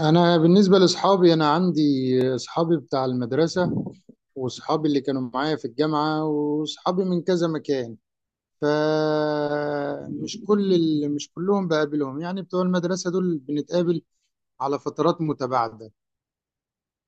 انا بالنسبه لاصحابي عندي اصحابي بتاع المدرسه، واصحابي اللي كانوا معايا في الجامعه، واصحابي من كذا مكان. فمش كل ال- مش كلهم بقابلهم، يعني بتوع المدرسه دول بنتقابل على فترات متباعده،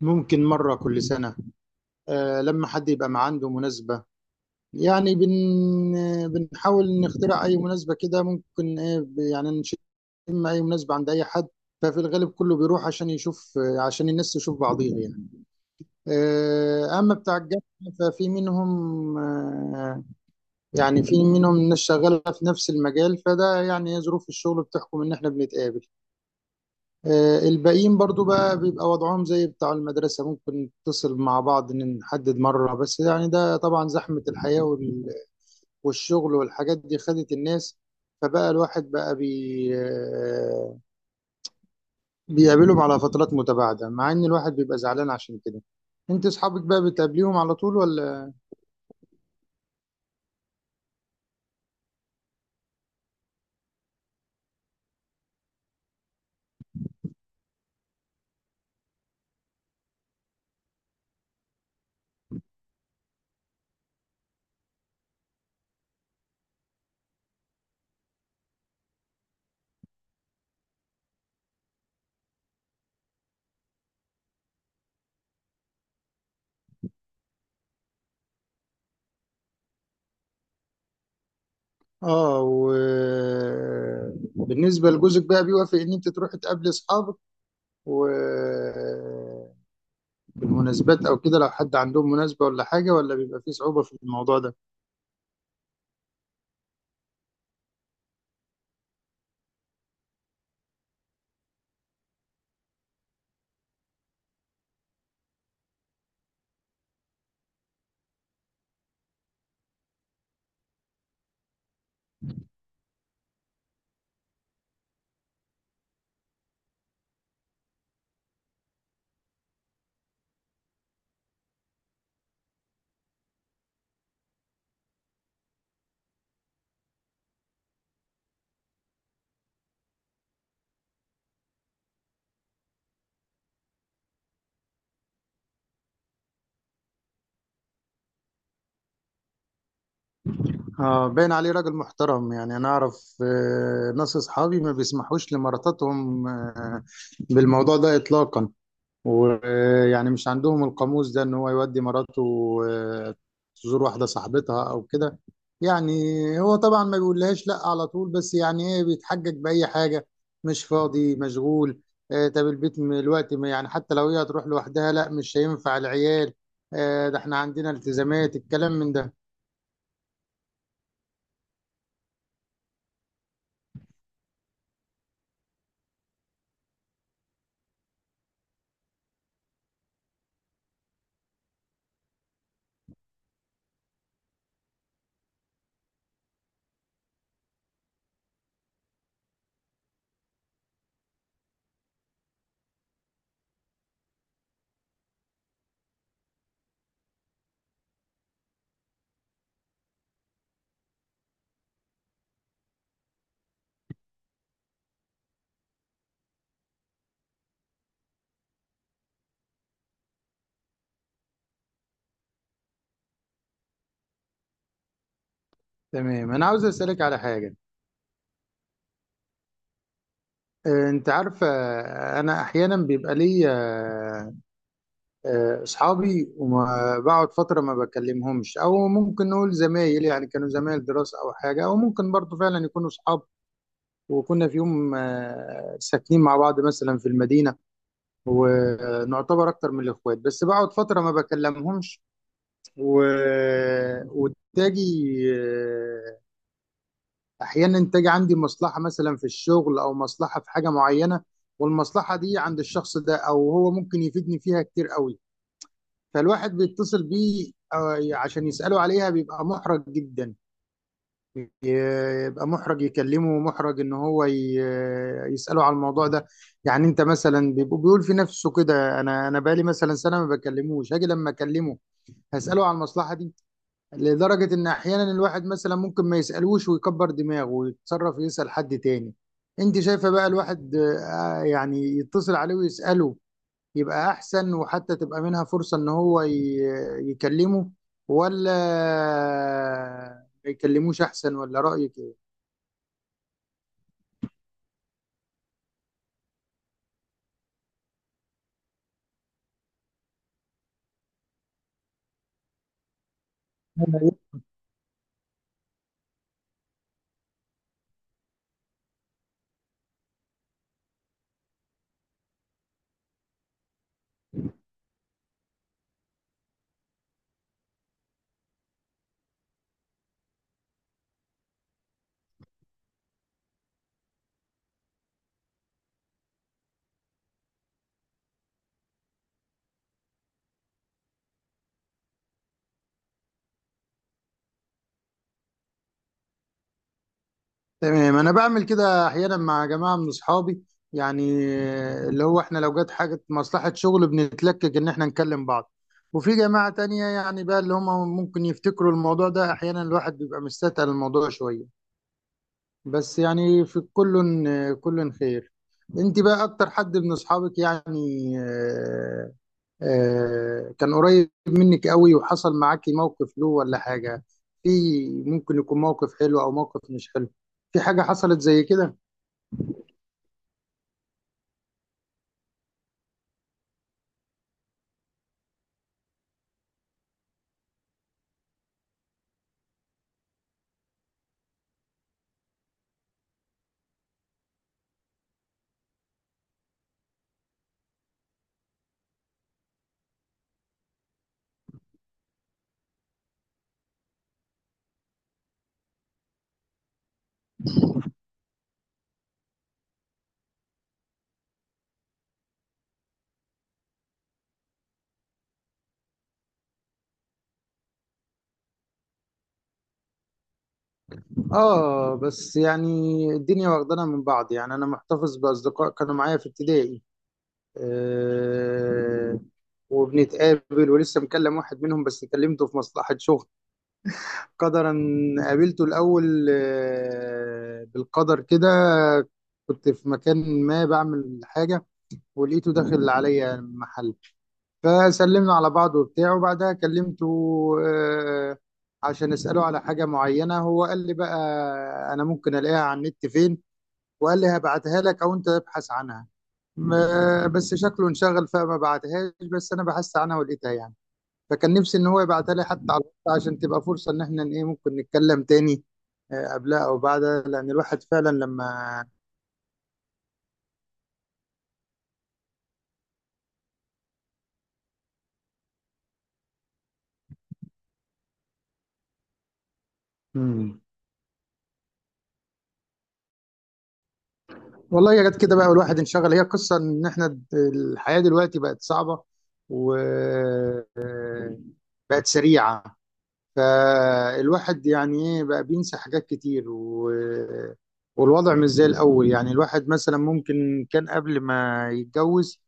ممكن مره كل سنه. آه، لما حد يبقى عنده مناسبه، يعني بنحاول نخترع اي مناسبه كده، ممكن ايه يعني اي مناسبه عند اي حد. ففي الغالب كله بيروح عشان يشوف، عشان الناس تشوف بعضيها يعني. آه، أما بتاع الجامعة ففي منهم، يعني في منهم الناس شغالة في نفس المجال، فده يعني هي ظروف الشغل بتحكم إن إحنا بنتقابل. آه، الباقيين برضو بقى بيبقى وضعهم زي بتاع المدرسة، ممكن نتصل مع بعض إن نحدد مرة، بس يعني ده طبعا زحمة الحياة والشغل والحاجات دي خدت الناس. فبقى الواحد بقى بي آه، بيقابلهم على فترات متباعدة، مع إن الواحد بيبقى زعلان عشان كده. أنت أصحابك بقى بتقابليهم على طول ولا؟ اه، وبالنسبة لجوزك بقى بيوافق ان انت تروح تقابلي اصحابك وبالمناسبات او كده؟ لو حد عندهم مناسبة ولا حاجة، ولا بيبقى فيه صعوبة في الموضوع ده؟ اه، باين عليه راجل محترم. يعني انا اعرف آه، ناس اصحابي ما بيسمحوش لمراتاتهم بالموضوع ده اطلاقا. ويعني مش عندهم القاموس ده ان هو يودي مراته آه، تزور واحدة صاحبتها او كده يعني. هو طبعا ما بيقولهاش لا على طول، بس يعني ايه بيتحجج بأي حاجة: مش فاضي، مشغول، آه، طب البيت الوقت يعني حتى لو هي هتروح لوحدها، لا مش هينفع، العيال، آه، ده احنا عندنا التزامات، الكلام من ده. تمام، انا عاوز اسألك على حاجة. آه، انت عارفة، آه، انا احيانا بيبقى ليا آه، اصحابي وبقعد فتره ما بكلمهمش، او ممكن نقول زمايل يعني، كانوا زمايل دراسه او حاجه، او ممكن برضو فعلا يكونوا اصحاب، وكنا في يوم آه، ساكنين مع بعض مثلا في المدينه، ونعتبر اكتر من الاخوات، بس بقعد فتره ما بكلمهمش و... وتاجي، آه، احيانا تاجي عندي مصلحه مثلا في الشغل او مصلحه في حاجه معينه، والمصلحه دي عند الشخص ده، او هو ممكن يفيدني فيها كتير قوي. فالواحد بيتصل بيه آه، عشان يسأله عليها بيبقى محرج جدا، يبقى محرج يكلمه ومحرج ان هو يسأله على الموضوع ده. يعني انت مثلا بيبقى بيقول في نفسه كده: انا بقالي مثلا سنة ما بكلموش، هاجي لما اكلمه هسأله على المصلحة دي. لدرجة ان احيانا الواحد مثلا ممكن ما يسألوش ويكبر دماغه ويتصرف يسأل حد تاني. انت شايفة بقى الواحد آه، يعني يتصل عليه ويسأله يبقى احسن، وحتى تبقى منها فرصة ان هو يكلمه، ولا ما يكلموش احسن؟ ولا رأيك ايه؟ تمام، انا بعمل كده احيانا مع جماعه من اصحابي، يعني اللي هو احنا لو جت حاجه مصلحه شغل بنتلكك ان احنا نكلم بعض. وفي جماعه تانية يعني بقى اللي هم ممكن يفتكروا الموضوع ده، احيانا الواحد بيبقى مستثقل الموضوع شويه. بس يعني في كل خير. انت بقى اكتر حد من اصحابك يعني كان قريب منك قوي وحصل معاكي موقف له ولا حاجة؟ في ممكن يكون موقف حلو أو موقف مش حلو، في حاجة حصلت زي كده؟ آه بس يعني الدنيا واخدانا من بعض. يعني أنا محتفظ بأصدقاء كانوا معايا في ابتدائي، آه، وبنتقابل، ولسه مكلم واحد منهم بس، كلمته في مصلحة شغل. قدرا قابلته الأول آه بالقدر كده: كنت في مكان ما بعمل حاجة ولقيته داخل عليا المحل، فسلمنا على بعض وبتاع، وبعدها كلمته آه، عشان اساله على حاجه معينه. هو قال لي بقى انا ممكن الاقيها على النت فين، وقال لي هبعتها لك او انت ابحث عنها. بس شكله انشغل فما بعتهاش، بس انا بحثت عنها ولقيتها يعني. فكان نفسي ان هو يبعتها لي حتى على الوقت، عشان تبقى فرصه ان احنا ايه ممكن نتكلم تاني آه، قبلها او بعدها، لان الواحد فعلا لما. والله يا ريت كده، بقى الواحد انشغل. هي قصة ان احنا الحياة دلوقتي بقت صعبة و آه، بقت سريعة. فالواحد يعني ايه بقى بينسى حاجات كتير آه، والوضع مش زي الأول. يعني الواحد مثلا ممكن كان قبل ما يتجوز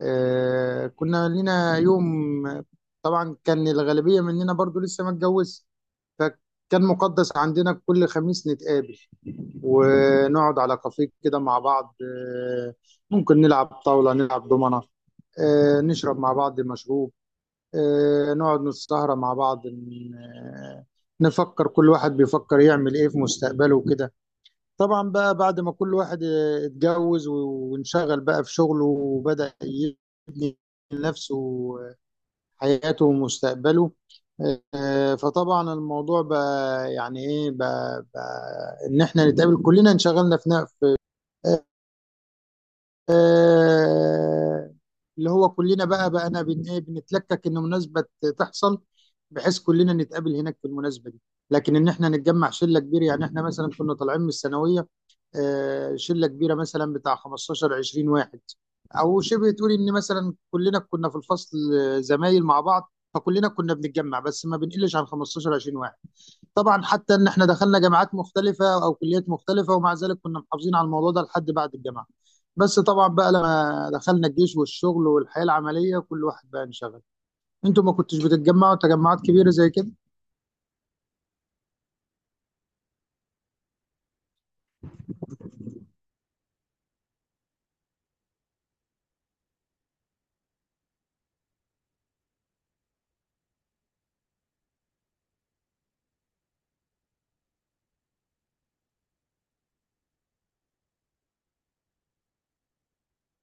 آه، كنا لينا يوم، طبعا كان الغالبية مننا برضو لسه ما اتجوز، فكان مقدس عندنا كل خميس نتقابل، ونقعد على كافيه كده مع بعض، آه، ممكن نلعب طاولة، نلعب دومنة، آه، نشرب مع بعض مشروب، آه، نقعد نسهرة مع بعض، نفكر، كل واحد بيفكر يعمل ايه في مستقبله وكده. طبعا بقى بعد ما كل واحد آه، اتجوز وانشغل بقى في شغله، وبدأ يبني لنفسه حياته ومستقبله، آه، فطبعا الموضوع بقى يعني ايه بقى، ان احنا نتقابل كلنا انشغلنا في آه، اللي هو كلنا بقى بقى بن ايه بنتلكك ان مناسبه تحصل، بحيث كلنا نتقابل هناك في المناسبه دي، لكن ان احنا نتجمع شله كبيره. يعني احنا مثلا كنا طالعين من الثانويه آه، شله كبيره مثلا بتاع 15 20 واحد، او شبه تقول ان مثلا كلنا كنا في الفصل آه، زمايل مع بعض، فكلنا كنا بنتجمع بس ما بنقلش عن 15 20 واحد. طبعا حتى ان احنا دخلنا جامعات مختلفه او كليات مختلفه، ومع ذلك كنا محافظين على الموضوع ده لحد بعد الجامعه، بس طبعا بقى لما دخلنا الجيش والشغل والحياه العمليه، كل واحد بقى انشغل. انتوا ما كنتوش بتتجمعوا تجمعات كبيره زي كده؟